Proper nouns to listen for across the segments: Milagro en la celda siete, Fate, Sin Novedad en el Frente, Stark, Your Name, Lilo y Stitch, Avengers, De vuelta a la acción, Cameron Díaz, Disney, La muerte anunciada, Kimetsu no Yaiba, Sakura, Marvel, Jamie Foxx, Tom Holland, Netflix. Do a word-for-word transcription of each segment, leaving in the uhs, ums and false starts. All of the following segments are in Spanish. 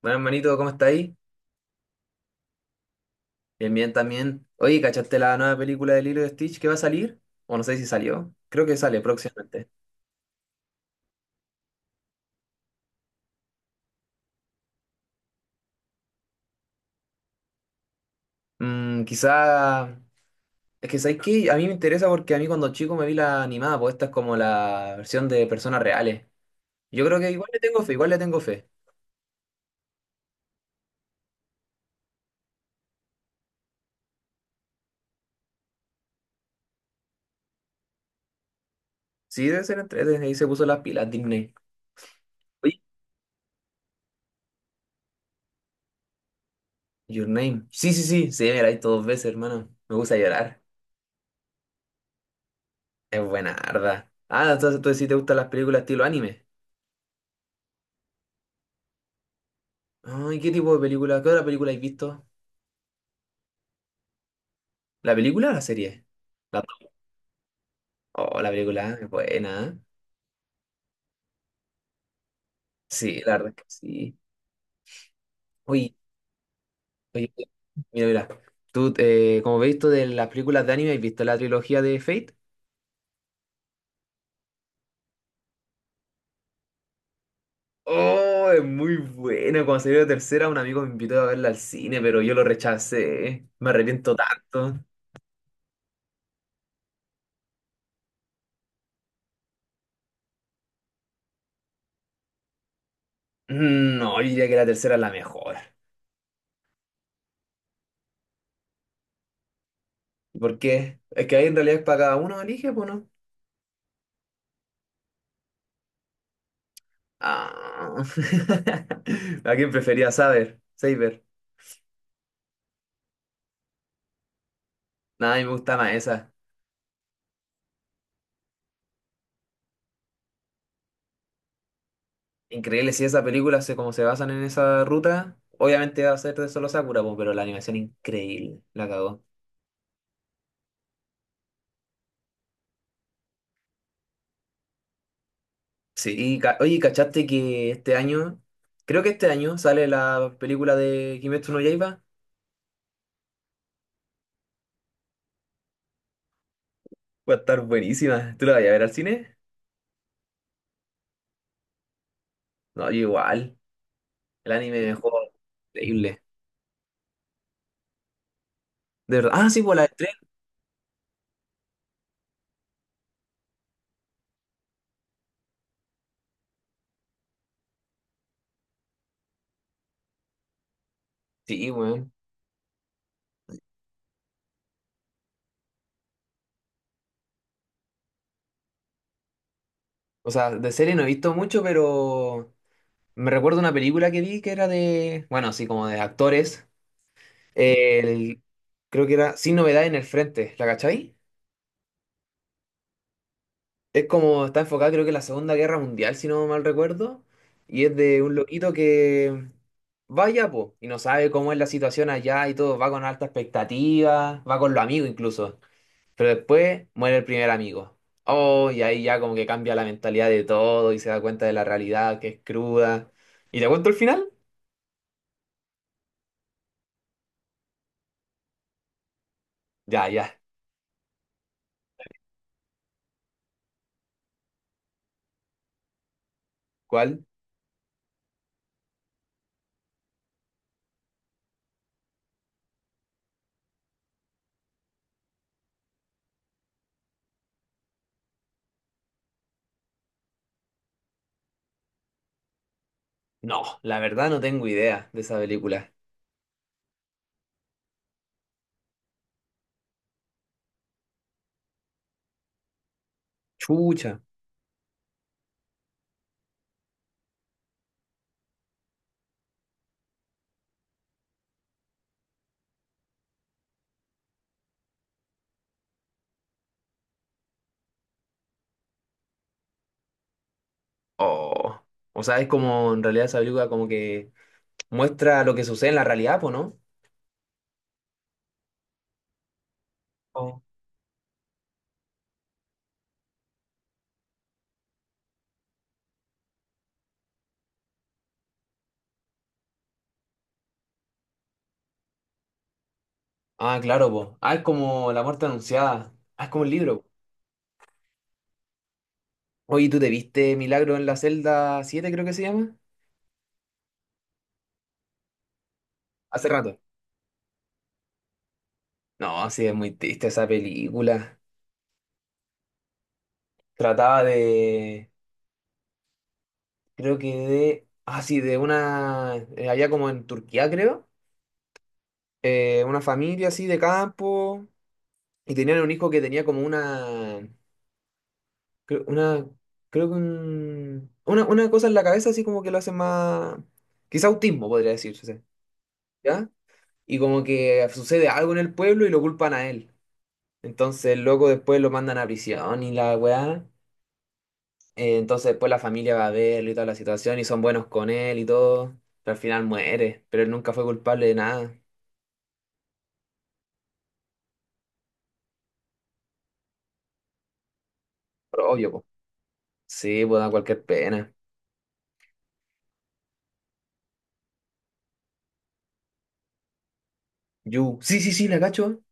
Bueno, hermanito, ¿cómo está ahí? Bien, bien también. Oye, ¿cachaste la nueva película de Lilo y Stitch que va a salir? O no sé si salió. Creo que sale próximamente. Mm, quizá. Es que sabéis que a mí me interesa porque a mí cuando chico me vi la animada, pues esta es como la versión de personas reales. Yo creo que igual le tengo fe, igual le tengo fe. Sí, debe ser entre... desde ahí se puso las pilas, Disney. Oye, Your Name. Sí, sí, sí, sí, me la vi dos veces, hermano. Me gusta llorar. Es buena, arda. Ah, entonces tú sí te gustan las películas estilo anime. Ay, ¿qué tipo de película? ¿Qué otra película has visto? ¿La película o la serie? La, oh, la película es buena, ¿eh? Sí, la verdad es que sí. Uy, oye, mira, mira. Tú, eh, como veis, tú de las películas de anime, ¿has visto la trilogía de Fate? Oh, es muy buena. Cuando salió la tercera, un amigo me invitó a verla al cine, pero yo lo rechacé. Me arrepiento tanto. Mm, no, yo diría que la tercera es la mejor. ¿Por qué? Es que ahí en realidad es para cada uno, elige, pues no. Ah. ¿A quién prefería saber? Saber. Nada, a mí me gusta más esa. Increíble, si esa película se, como se basan en esa ruta, obviamente va a ser de solo Sakura, po, pero la animación increíble, la cagó. Sí, y ca- oye, ¿cachaste que este año, creo que este año sale la película de Kimetsu no Yaiba? Va a estar buenísima. ¿Tú la vas a ver al cine? No, yo igual. El anime mejor. Increíble. De verdad. Ah, sí, pues la de tren. Sí, weón. O sea, de serie no he visto mucho, pero me recuerdo una película que vi que era de, bueno, así como de actores. El, creo que era Sin Novedad en el Frente, ¿la cachai? Es como está enfocada, creo que en la Segunda Guerra Mundial, si no mal recuerdo. Y es de un loquito que vaya, po, y no sabe cómo es la situación allá y todo. Va con alta expectativa, va con los amigos incluso. Pero después muere el primer amigo. Oh, y ahí ya como que cambia la mentalidad de todo y se da cuenta de la realidad que es cruda. ¿Y te cuento el final? Ya, ya. ¿Cuál? No, la verdad no tengo idea de esa película. Chucha. Oh, o sea, es como en realidad esa película como que muestra lo que sucede en la realidad, po, ¿no? Oh. Ah, claro, po. Ah, es como La muerte anunciada. Ah, es como el libro, po. Oye, ¿tú te viste Milagro en la celda siete, creo que se llama? Hace rato. No, sí, es muy triste esa película. Trataba de, creo que de, ah, sí, de una, eh, allá como en Turquía, creo, eh, una familia así de campo, y tenían un hijo que tenía como una, creo, una, creo que un- una, una cosa en la cabeza así como que lo hace más. Quizá autismo podría decirse, ¿ya? Y como que sucede algo en el pueblo y lo culpan a él. Entonces el loco después lo mandan a prisión y la weá. Eh, entonces después la familia va a verlo y toda la situación y son buenos con él y todo. Pero al final muere, pero él nunca fue culpable de nada. Pero obvio, po. Sí, pues da cualquier pena. You sí, sí, sí, la cacho.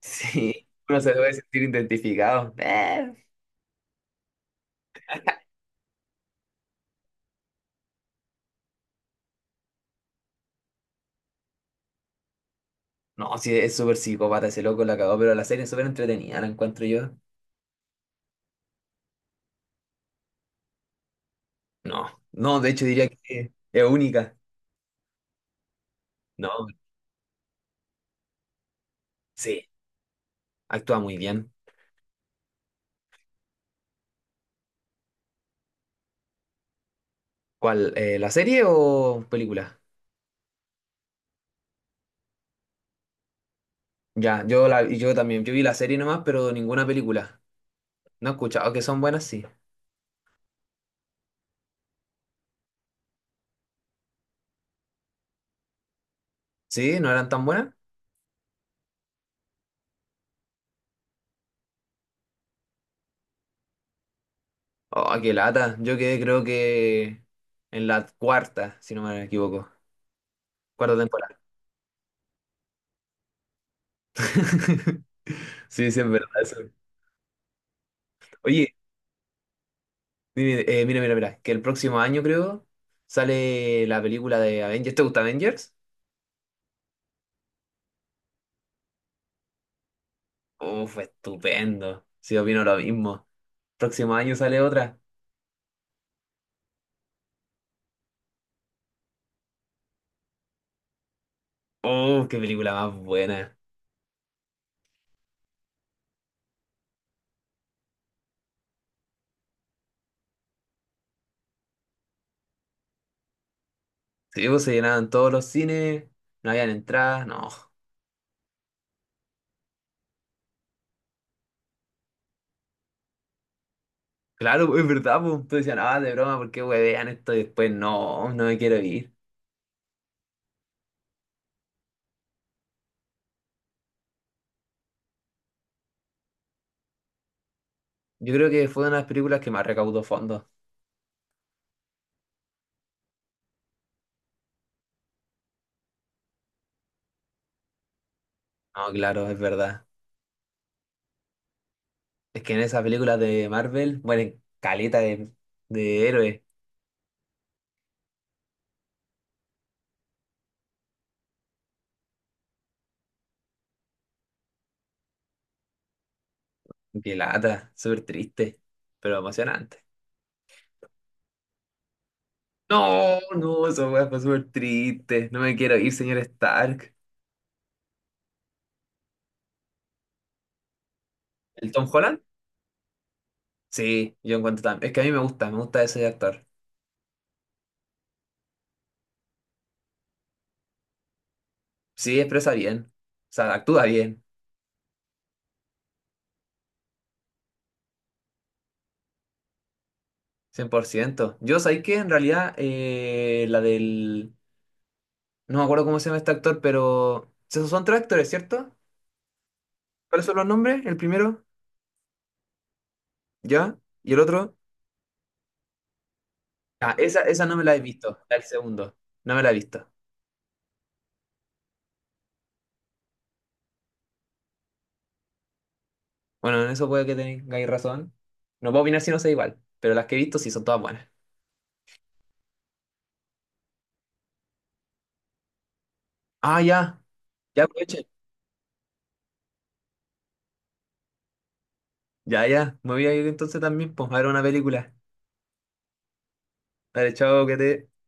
Sí. Uno se debe sentir identificado. Eh. No, sí, es súper psicópata ese loco, la cagó, pero la serie es súper entretenida, la encuentro yo. No, no, de hecho diría que es única. No, sí, actúa muy bien. ¿Cuál? eh, ¿la serie o película? Ya, yo la, yo también, yo vi la serie nomás, pero ninguna película. No he escuchado que son buenas, sí. ¿Sí? ¿No eran tan buenas? Oh, qué lata. Yo quedé creo que en la cuarta, si no me equivoco. Cuarta temporada. Sí, sí, es verdad eso. Oye, mire, eh, mira, mira, mira, que el próximo año creo sale la película de Avengers. ¿Te gusta Avengers? Uf, estupendo. Sí, opino lo mismo. Próximo año sale otra. Uf, qué película más buena. Sí, pues se llenaban todos los cines, no habían entradas, no. Claro, pues, es verdad, pues. Tú decías, ah, de broma, ¿por qué huevean esto? Y después, no, no me quiero ir. Yo creo que fue una de las películas que más recaudó fondos. No, claro, es verdad. Es que en esas películas de Marvel mueren caleta de, de héroes. Qué lata, súper triste, pero emocionante. No, no, esa weá fue súper triste. No me quiero ir, señor Stark. ¿El Tom Holland? Sí, yo encuentro también. Es que a mí me gusta, me gusta ese actor. Sí, expresa bien. O sea, actúa bien, cien por ciento. Yo sabía que en realidad, eh, la del. No me acuerdo cómo se llama este actor, pero. Esos son tres actores, ¿cierto? ¿Cuáles son los nombres? El primero, ya, y el otro. Ah, esa, esa no me la he visto, la del segundo. No me la he visto. Bueno, en eso puede que tengáis razón. No puedo opinar si no sé igual, pero las que he visto sí son todas buenas. Ah, ya, ya aproveche. Ya, ya, me voy a ir entonces también, pues, a ver una película. Dale, chao, que te...